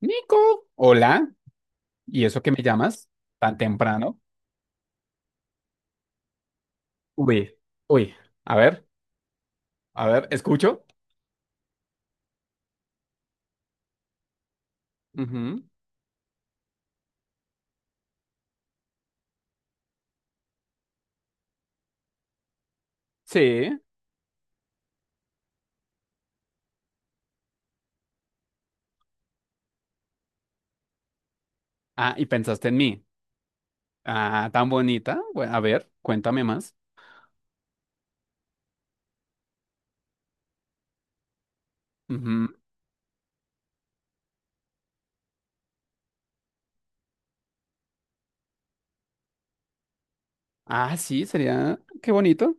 Nico, hola. ¿Y eso que me llamas tan temprano? Uy, uy, a ver, a ver, escucho. Ujú. Sí. Ah, y pensaste en mí. Ah, tan bonita. Bueno, a ver, cuéntame más. Ujú. Ah, sí, sería. Qué bonito.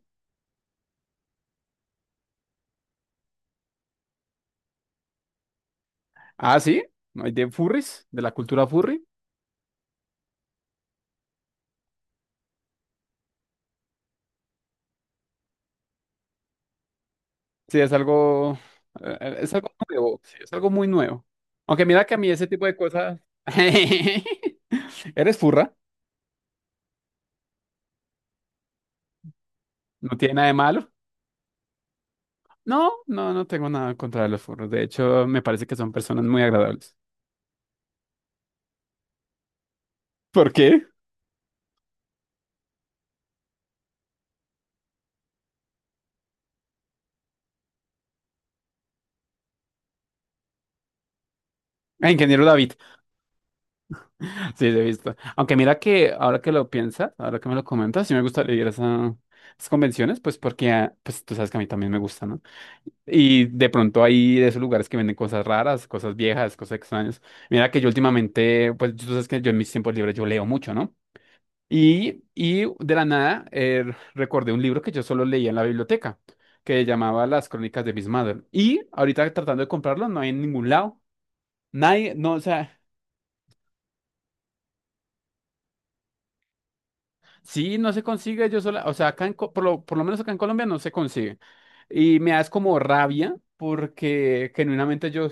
Ah, sí. ¿No? Hay de furries, de la cultura furry. Sí, es algo. Es algo nuevo. Sí, es algo muy nuevo. Aunque mira que a mí ese tipo de cosas. Eres furra. No tiene nada de malo. No, no, no tengo nada contra los furros. De hecho, me parece que son personas muy agradables. ¿Por qué? Ah, ingeniero David. Sí, lo he visto. Aunque mira que ahora que lo piensas, ahora que me lo comentas, sí me gustaría ir a esas convenciones, pues porque, ah, pues tú sabes que a mí también me gusta, ¿no? Y de pronto hay de esos lugares que venden cosas raras, cosas viejas, cosas extrañas. Mira que yo últimamente, pues tú sabes que yo en mis tiempos libres yo leo mucho, ¿no? Y de la nada recordé un libro que yo solo leía en la biblioteca, que llamaba Las Crónicas de Miss Mother. Y ahorita tratando de comprarlo, no hay en ningún lado. Nadie, no, o sea, sí, no se consigue yo sola, o sea, acá en, por lo menos acá en Colombia no se consigue. Y me das como rabia porque genuinamente yo.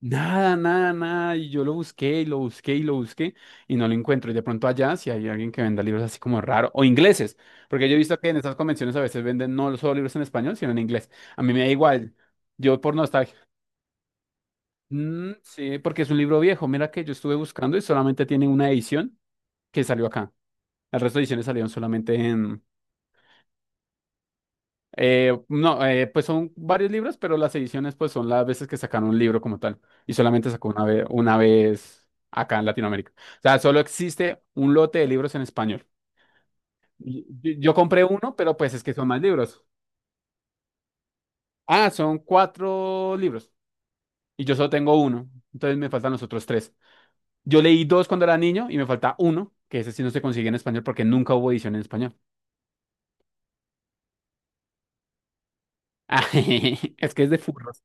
Nada, nada, nada. Y yo lo busqué y lo busqué y lo busqué y no lo encuentro. Y de pronto allá, si hay alguien que venda libros así como raro, o ingleses, porque yo he visto que en estas convenciones a veces venden no solo libros en español, sino en inglés. A mí me da igual. Yo por nostalgia. Mm, sí, porque es un libro viejo. Mira que yo estuve buscando y solamente tiene una edición que salió acá. El resto de ediciones salieron solamente en... No, pues son varios libros, pero las ediciones pues son las veces que sacaron un libro como tal y solamente sacó una vez acá en Latinoamérica. O sea, solo existe un lote de libros en español. Yo compré uno, pero pues es que son más libros. Ah, son cuatro libros y yo solo tengo uno, entonces me faltan los otros tres. Yo leí dos cuando era niño y me falta uno, que ese sí no se consigue en español porque nunca hubo edición en español. Ah, es que es de furros.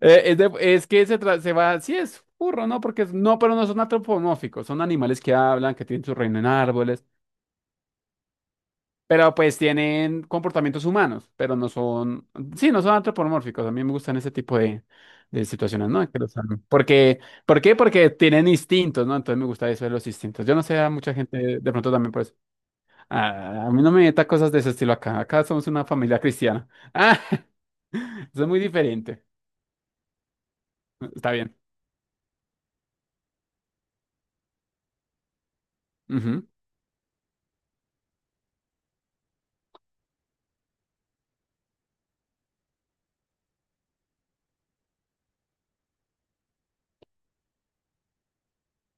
Es, es que se, se va, sí es burro, ¿no? Porque no, pero no son antropomórficos, son animales que hablan, que tienen su reino en árboles, pero pues tienen comportamientos humanos, pero no son, sí, no son antropomórficos. A mí me gustan ese tipo de, situaciones, ¿no? Que porque, ¿por qué? Porque tienen instintos, ¿no? Entonces me gusta eso de los instintos. Yo no sé, a mucha gente de pronto también pues, "Ah, a mí no me meta cosas de ese estilo acá. Acá somos una familia cristiana". Ah, eso es muy diferente. Está bien. Ujú.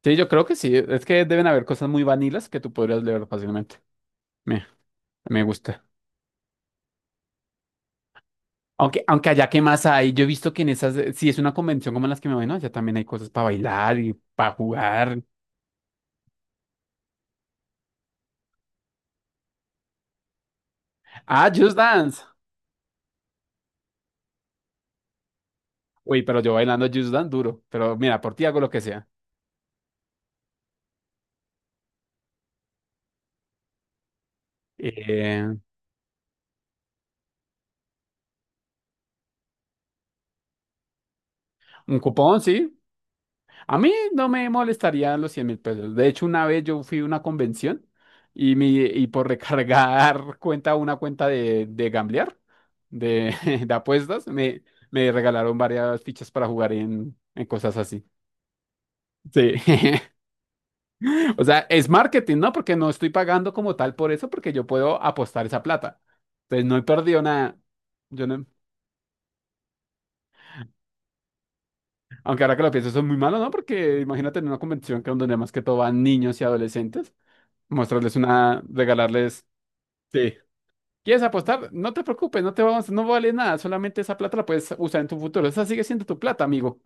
Sí, yo creo que sí. Es que deben haber cosas muy vanilas que tú podrías leer fácilmente. Me, me gusta. Aunque allá qué más hay, yo he visto que en esas, si es una convención como las que me voy, no, allá también hay cosas para bailar y para jugar. Ah, Just Dance. Uy, pero yo bailando Just Dance duro. Pero mira, por ti hago lo que sea. Eh, un cupón, sí. A mí no me molestarían los 100.000 pesos. De hecho, una vez yo fui a una convención y, y por recargar cuenta, una cuenta de, gamblear, de, de apuestas, me regalaron varias fichas para jugar en cosas así. Sí. O sea, es marketing, ¿no? Porque no estoy pagando como tal por eso, porque yo puedo apostar esa plata. Entonces, no he perdido nada. Yo no, aunque ahora que lo pienso, eso es muy malo, ¿no? Porque imagínate en una convención que donde más que todo van niños y adolescentes. Mostrarles una, regalarles. Sí. ¿Quieres apostar? No te preocupes, no te vamos, no vale nada, solamente esa plata la puedes usar en tu futuro. Esa sigue siendo tu plata, amigo.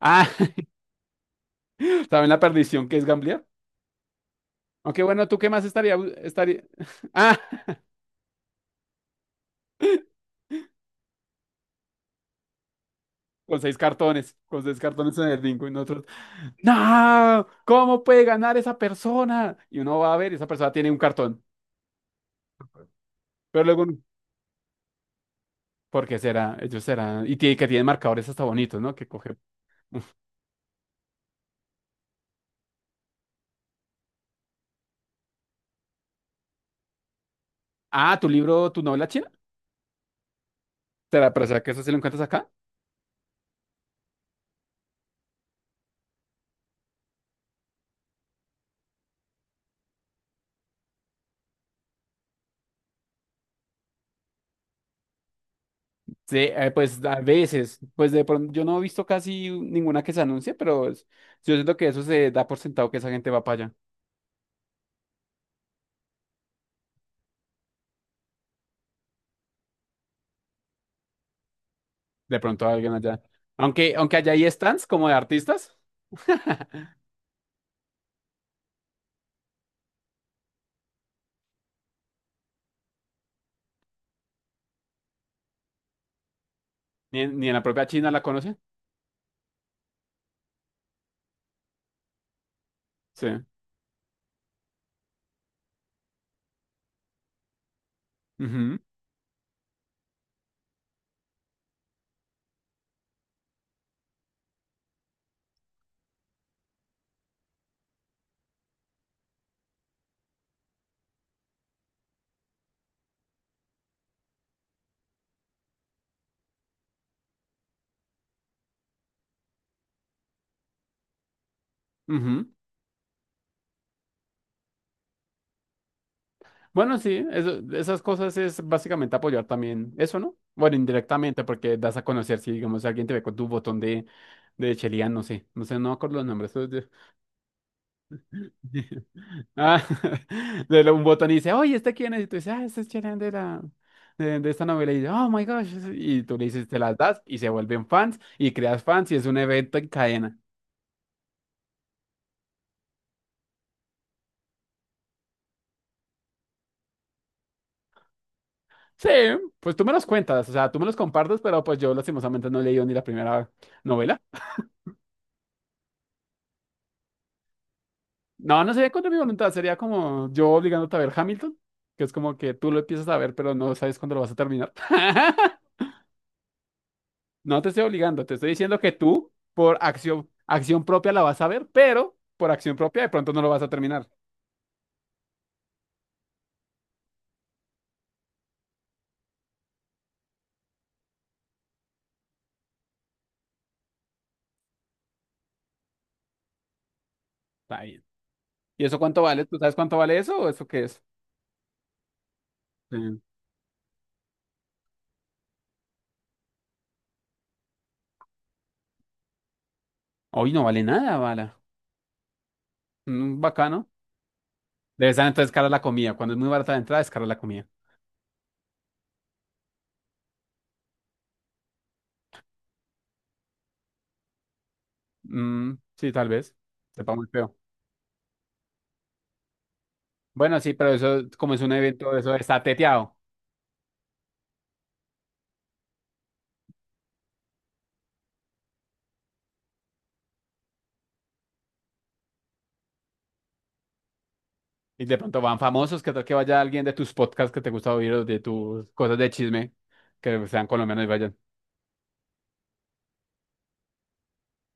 Ah, ¿saben la perdición que es gamblear? Aunque bueno, ¿tú qué más estaría, estaría? Ah, con seis cartones en el bingo y nosotros. No, ¿cómo puede ganar esa persona? Y uno va a ver, y esa persona tiene un cartón, pero luego, ¿por qué será? Ellos serán, y tiene, que tienen marcadores hasta bonitos, ¿no? Que coge. Ah, tu libro, tu novela china. Será, pero ¿será que eso sí lo encuentras acá? Sí, pues a veces, pues de pronto yo no he visto casi ninguna que se anuncie, pero yo siento que eso se da por sentado que esa gente va para allá. De pronto alguien allá. Aunque allá hay stands como de artistas, ni en, ni en la propia China la conocen. Sí. Ujú, ujú. Bueno, sí, esas cosas es básicamente apoyar también eso, ¿no? Bueno, indirectamente, porque das a conocer si, digamos, si alguien te ve con tu botón de Chelian, no sé, no sé, no me acuerdo los nombres. Ah, Un botón y dice, oye, ¿este quién es? Y tú dices, ah, este es Chelian de la... De esta novela y dice, oh my gosh, y tú le dices, te las das y se vuelven fans y creas fans y es un evento en cadena. Sí, pues tú me los cuentas, o sea, tú me los compartes, pero pues yo lastimosamente no he leído ni la primera novela. No, no sería contra mi voluntad, sería como yo obligándote a ver Hamilton, que es como que tú lo empiezas a ver, pero no sabes cuándo lo vas a terminar. No te estoy obligando, te estoy diciendo que tú, por acción, acción propia la vas a ver, pero por acción propia de pronto no lo vas a terminar. Está bien. ¿Y eso cuánto vale? ¿Tú sabes cuánto vale eso o eso qué es? Sí. Hoy no vale nada, bala. Mm, bacano. Debe estar entonces cara la comida. Cuando es muy barata la entrada, es cara la comida. Mm, sí, tal vez. Sepa muy feo. Bueno, sí, pero eso, como es un evento, eso está teteado. Y de pronto van famosos, que tal que vaya alguien de tus podcasts que te gusta oír o de tus cosas de chisme, que sean colombianos y vayan.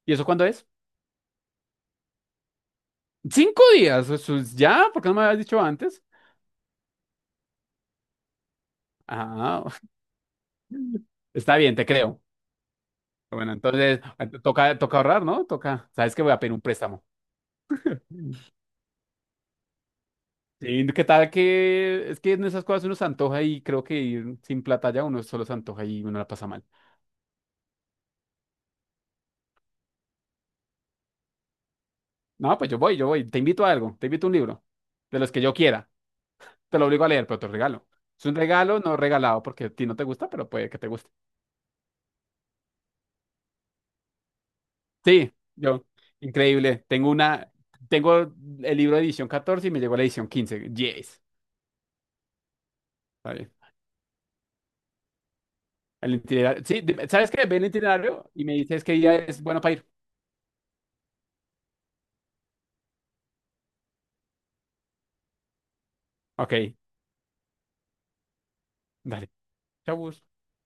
¿Y eso cuándo es? 5 días, eso es ya, ¿por qué no me habías dicho antes? Ah, está bien, te creo. Bueno, entonces toca, toca ahorrar, ¿no? Toca, sabes que voy a pedir un préstamo. Sí, ¿qué tal que es que en esas cosas uno se antoja y creo que ir sin plata ya uno solo se antoja y uno la pasa mal. No, pues yo voy, te invito a algo, te invito a un libro, de los que yo quiera. Te lo obligo a leer, pero te lo regalo. Es un regalo no regalado porque a ti no te gusta, pero puede que te guste. Sí, yo. Increíble. Tengo una, tengo el libro de edición 14 y me llegó la edición 15. Yes. Está bien. El itinerario. Sí, dime, ¿sabes qué? Ve el itinerario y me dices qué día es bueno para ir. Ok, dale. Chau.